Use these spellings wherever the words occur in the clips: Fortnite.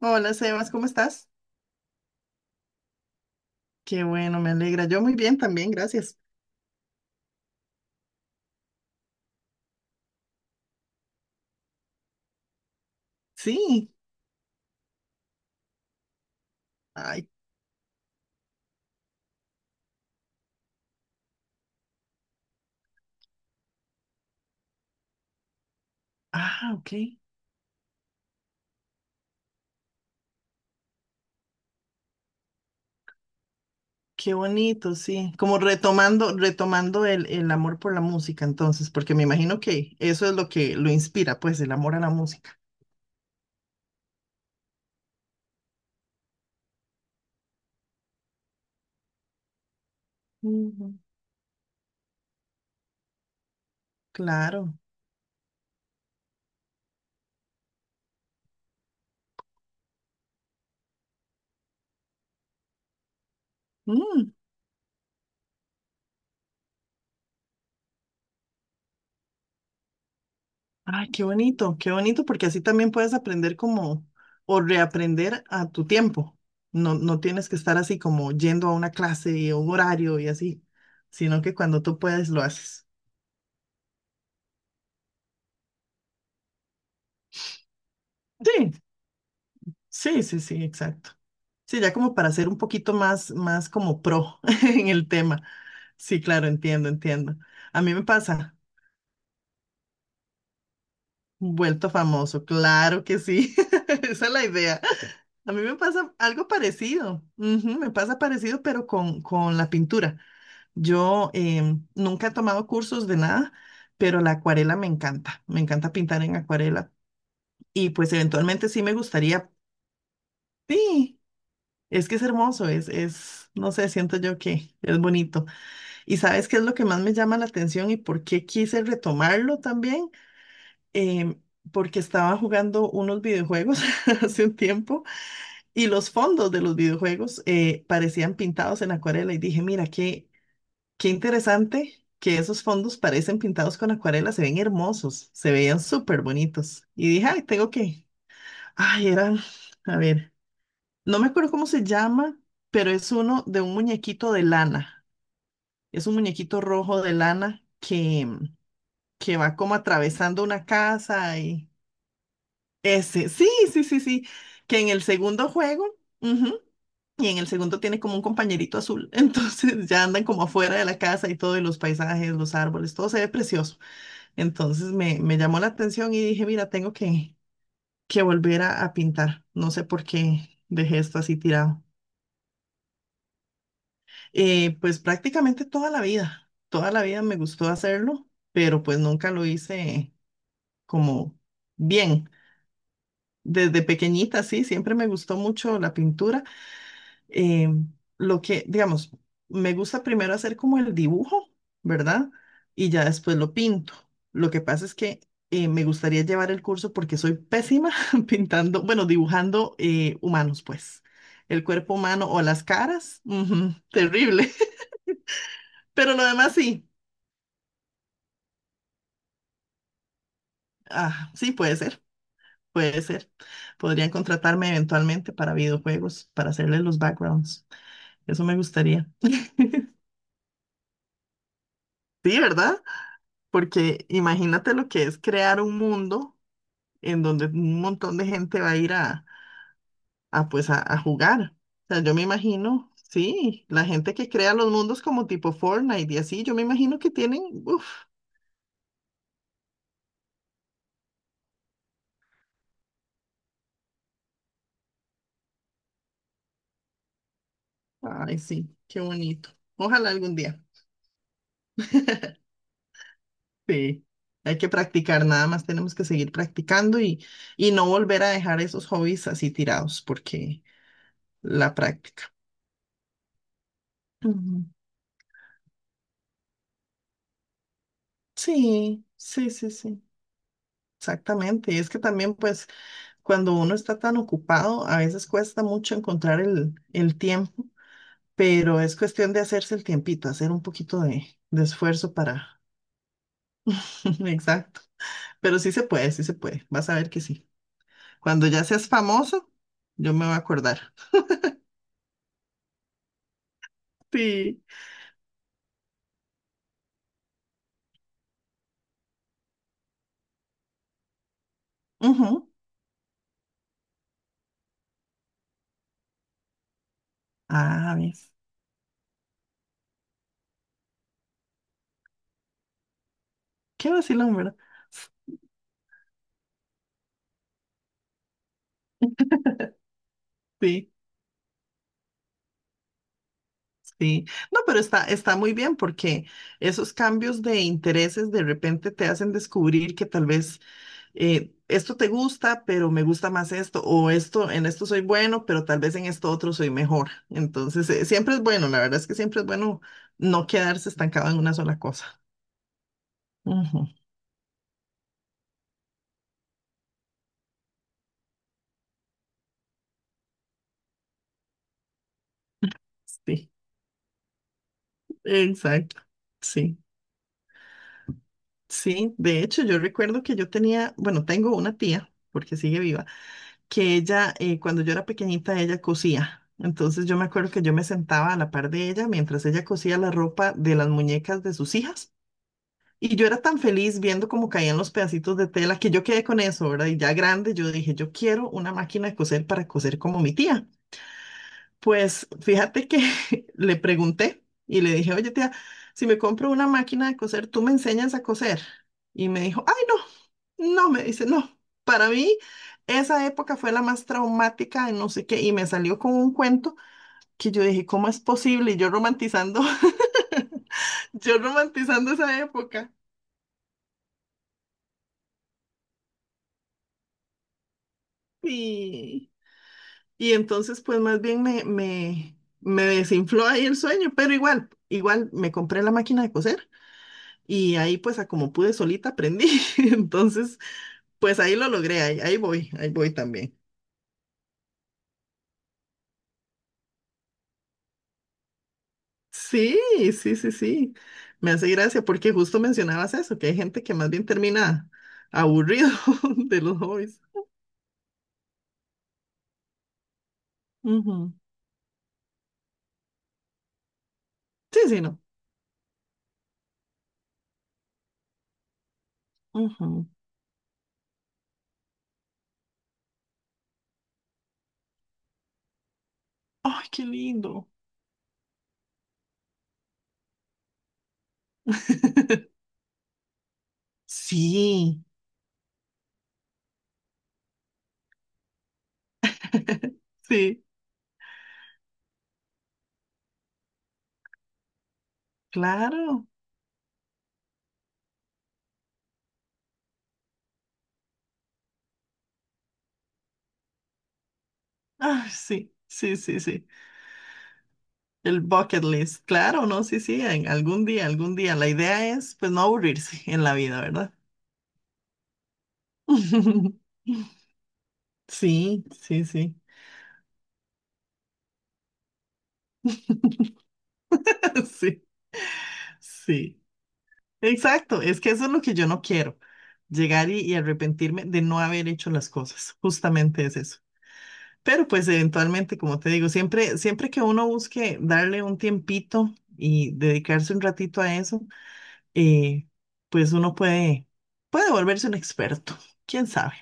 Hola Sebas, ¿cómo estás? Qué bueno, me alegra. Yo muy bien también, gracias. Sí. Ay, ah, ok. Qué bonito, sí. Como retomando, retomando el amor por la música, entonces, porque me imagino que eso es lo que lo inspira, pues, el amor a la música. Ujú. Claro. Mm, ay, qué bonito, porque así también puedes aprender como, o reaprender a tu tiempo. No, no tienes que estar así como yendo a una clase y a un horario y así, sino que cuando tú puedes lo haces. Sí, sí, sí, sí, exacto. Sí, ya como para ser un poquito más, más como pro en el tema. Sí, claro, entiendo, entiendo. A mí me pasa, vuelto famoso, claro que sí. Esa es la idea. A mí me pasa algo parecido. Ujú, me pasa parecido, pero con la pintura. Yo nunca he tomado cursos de nada, pero la acuarela me encanta. Me encanta pintar en acuarela. Y pues eventualmente sí me gustaría. Sí, es que es hermoso, es, no sé, siento yo que es bonito. ¿Y sabes qué es lo que más me llama la atención y por qué quise retomarlo también? Em, Porque estaba jugando unos videojuegos hace un tiempo y los fondos de los videojuegos parecían pintados en acuarela y dije, mira, qué, qué interesante que esos fondos parecen pintados con acuarela, se ven hermosos, se veían súper bonitos. Y dije, ay, tengo que, ay, eran, a ver. No me acuerdo cómo se llama, pero es uno de un muñequito de lana. Es un muñequito rojo de lana que, mm, que va como atravesando una casa y ese, sí, sí, sí, sí, que en el segundo juego, ujú, y en el segundo tiene como un compañerito azul. Entonces ya andan como afuera de la casa y todo, y los paisajes, los árboles, todo se ve precioso. Entonces me llamó la atención y dije, mira, tengo que volver a pintar. No sé por qué dejé esto así tirado. Pues prácticamente toda la vida me gustó hacerlo, pero pues nunca lo hice como bien. Desde pequeñita, sí, siempre me gustó mucho la pintura. Eh, lo que, digamos, me gusta primero hacer como el dibujo, ¿verdad? Y ya después lo pinto. Lo que pasa es que me gustaría llevar el curso porque soy pésima pintando, bueno, dibujando humanos, pues. El cuerpo humano o las caras, ujú, terrible. Pero lo demás sí, ah, sí, puede ser, puede ser. Podrían contratarme eventualmente para videojuegos, para hacerles los backgrounds. Eso me gustaría. Sí, ¿verdad? Porque imagínate lo que es crear un mundo en donde un montón de gente va a ir a, pues a jugar. O sea, yo me imagino, sí, la gente que crea los mundos como tipo Fortnite y así, yo me imagino que tienen, uff, ay, sí, qué bonito. Ojalá algún día. Sí, hay que practicar, nada más tenemos que seguir practicando y no volver a dejar esos hobbies así tirados, porque la práctica. Ujú. Sí, sí, sí, sí, exactamente. Y es que también, pues, cuando uno está tan ocupado, a veces cuesta mucho encontrar el tiempo, pero es cuestión de hacerse el tiempito, hacer un poquito de esfuerzo para... Exacto. Pero sí se puede, sí se puede. Vas a ver que sí. Cuando ya seas famoso, yo me voy a acordar. Sí. Ujú. Ah, ¿ves? Qué vacilón, ¿verdad? Sí, sí. No, pero está, está muy bien porque esos cambios de intereses de repente te hacen descubrir que tal vez esto te gusta, pero me gusta más esto, o esto, en esto soy bueno, pero tal vez en esto otro soy mejor. Entonces, siempre es bueno, la verdad es que siempre es bueno no quedarse estancado en una sola cosa. Ujú, sí, exacto. Sí, sí. De hecho, yo recuerdo que yo tenía, bueno, tengo una tía, porque sigue viva que ella, cuando yo era pequeñita, ella cosía. Entonces yo me acuerdo que yo me sentaba a la par de ella mientras ella cosía la ropa de las muñecas de sus hijas. Y yo era tan feliz viendo cómo caían los pedacitos de tela que yo quedé con eso, ¿verdad? Y ya grande yo dije, yo quiero una máquina de coser para coser como mi tía. Pues fíjate que le pregunté y le dije, oye tía, si me compro una máquina de coser, ¿tú me enseñas a coser? Y me dijo, ay, no. No, me dice, no. Para mí, esa época fue la más traumática de no sé qué. Y me salió con un cuento que yo dije, ¿cómo es posible? Y yo romantizando, yo romantizando esa época. Y, y entonces, pues más bien me desinfló ahí el sueño, pero igual, igual me compré la máquina de coser y ahí pues a como pude solita aprendí. Entonces, pues ahí lo logré, ahí, ahí voy también. Sí, sí, sí, sí. Me hace gracia porque justo mencionabas eso, que hay gente que más bien termina aburrido de los hobbies. Ujú. Sí, sí, no. Ujú. Ay, qué lindo. Sí, sí, claro. Ay, sí, sí, sí, sí. El bucket list, claro, ¿no? Sí, sí, en algún día, algún día. La idea es, pues, no aburrirse en la vida, ¿verdad? Sí, sí, sí. Sí, sí. Exacto, es que eso es lo que yo no quiero llegar y arrepentirme de no haber hecho las cosas. Justamente es eso. Pero pues eventualmente, como te digo, siempre, siempre que uno busque darle un tiempito y dedicarse un ratito a eso, eh, pues uno puede, puede volverse un experto. ¿Quién sabe?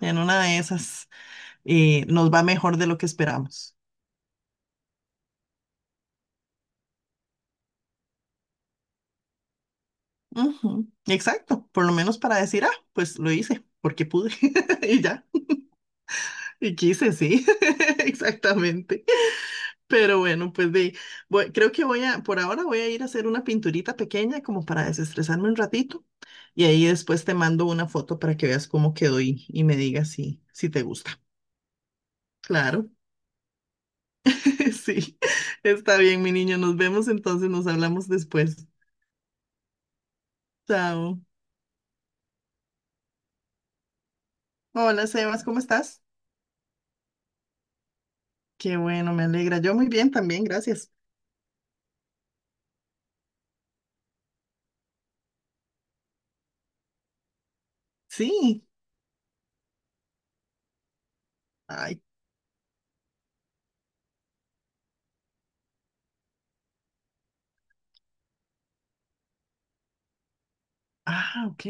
En una de esas nos va mejor de lo que esperamos. Ujú, exacto, por lo menos para decir, ah, pues lo hice porque pude y ya, y quise, sí, exactamente. Pero bueno, pues de, creo que voy a, por ahora voy a ir a hacer una pinturita pequeña como para desestresarme un ratito y ahí después te mando una foto para que veas cómo quedó y me digas si, si te gusta. Claro, sí, está bien, mi niño, nos vemos entonces, nos hablamos después. Chao. Hola, Sebas, ¿cómo estás? Qué bueno, me alegra. Yo muy bien también, gracias. Sí. Ay, ah, ok.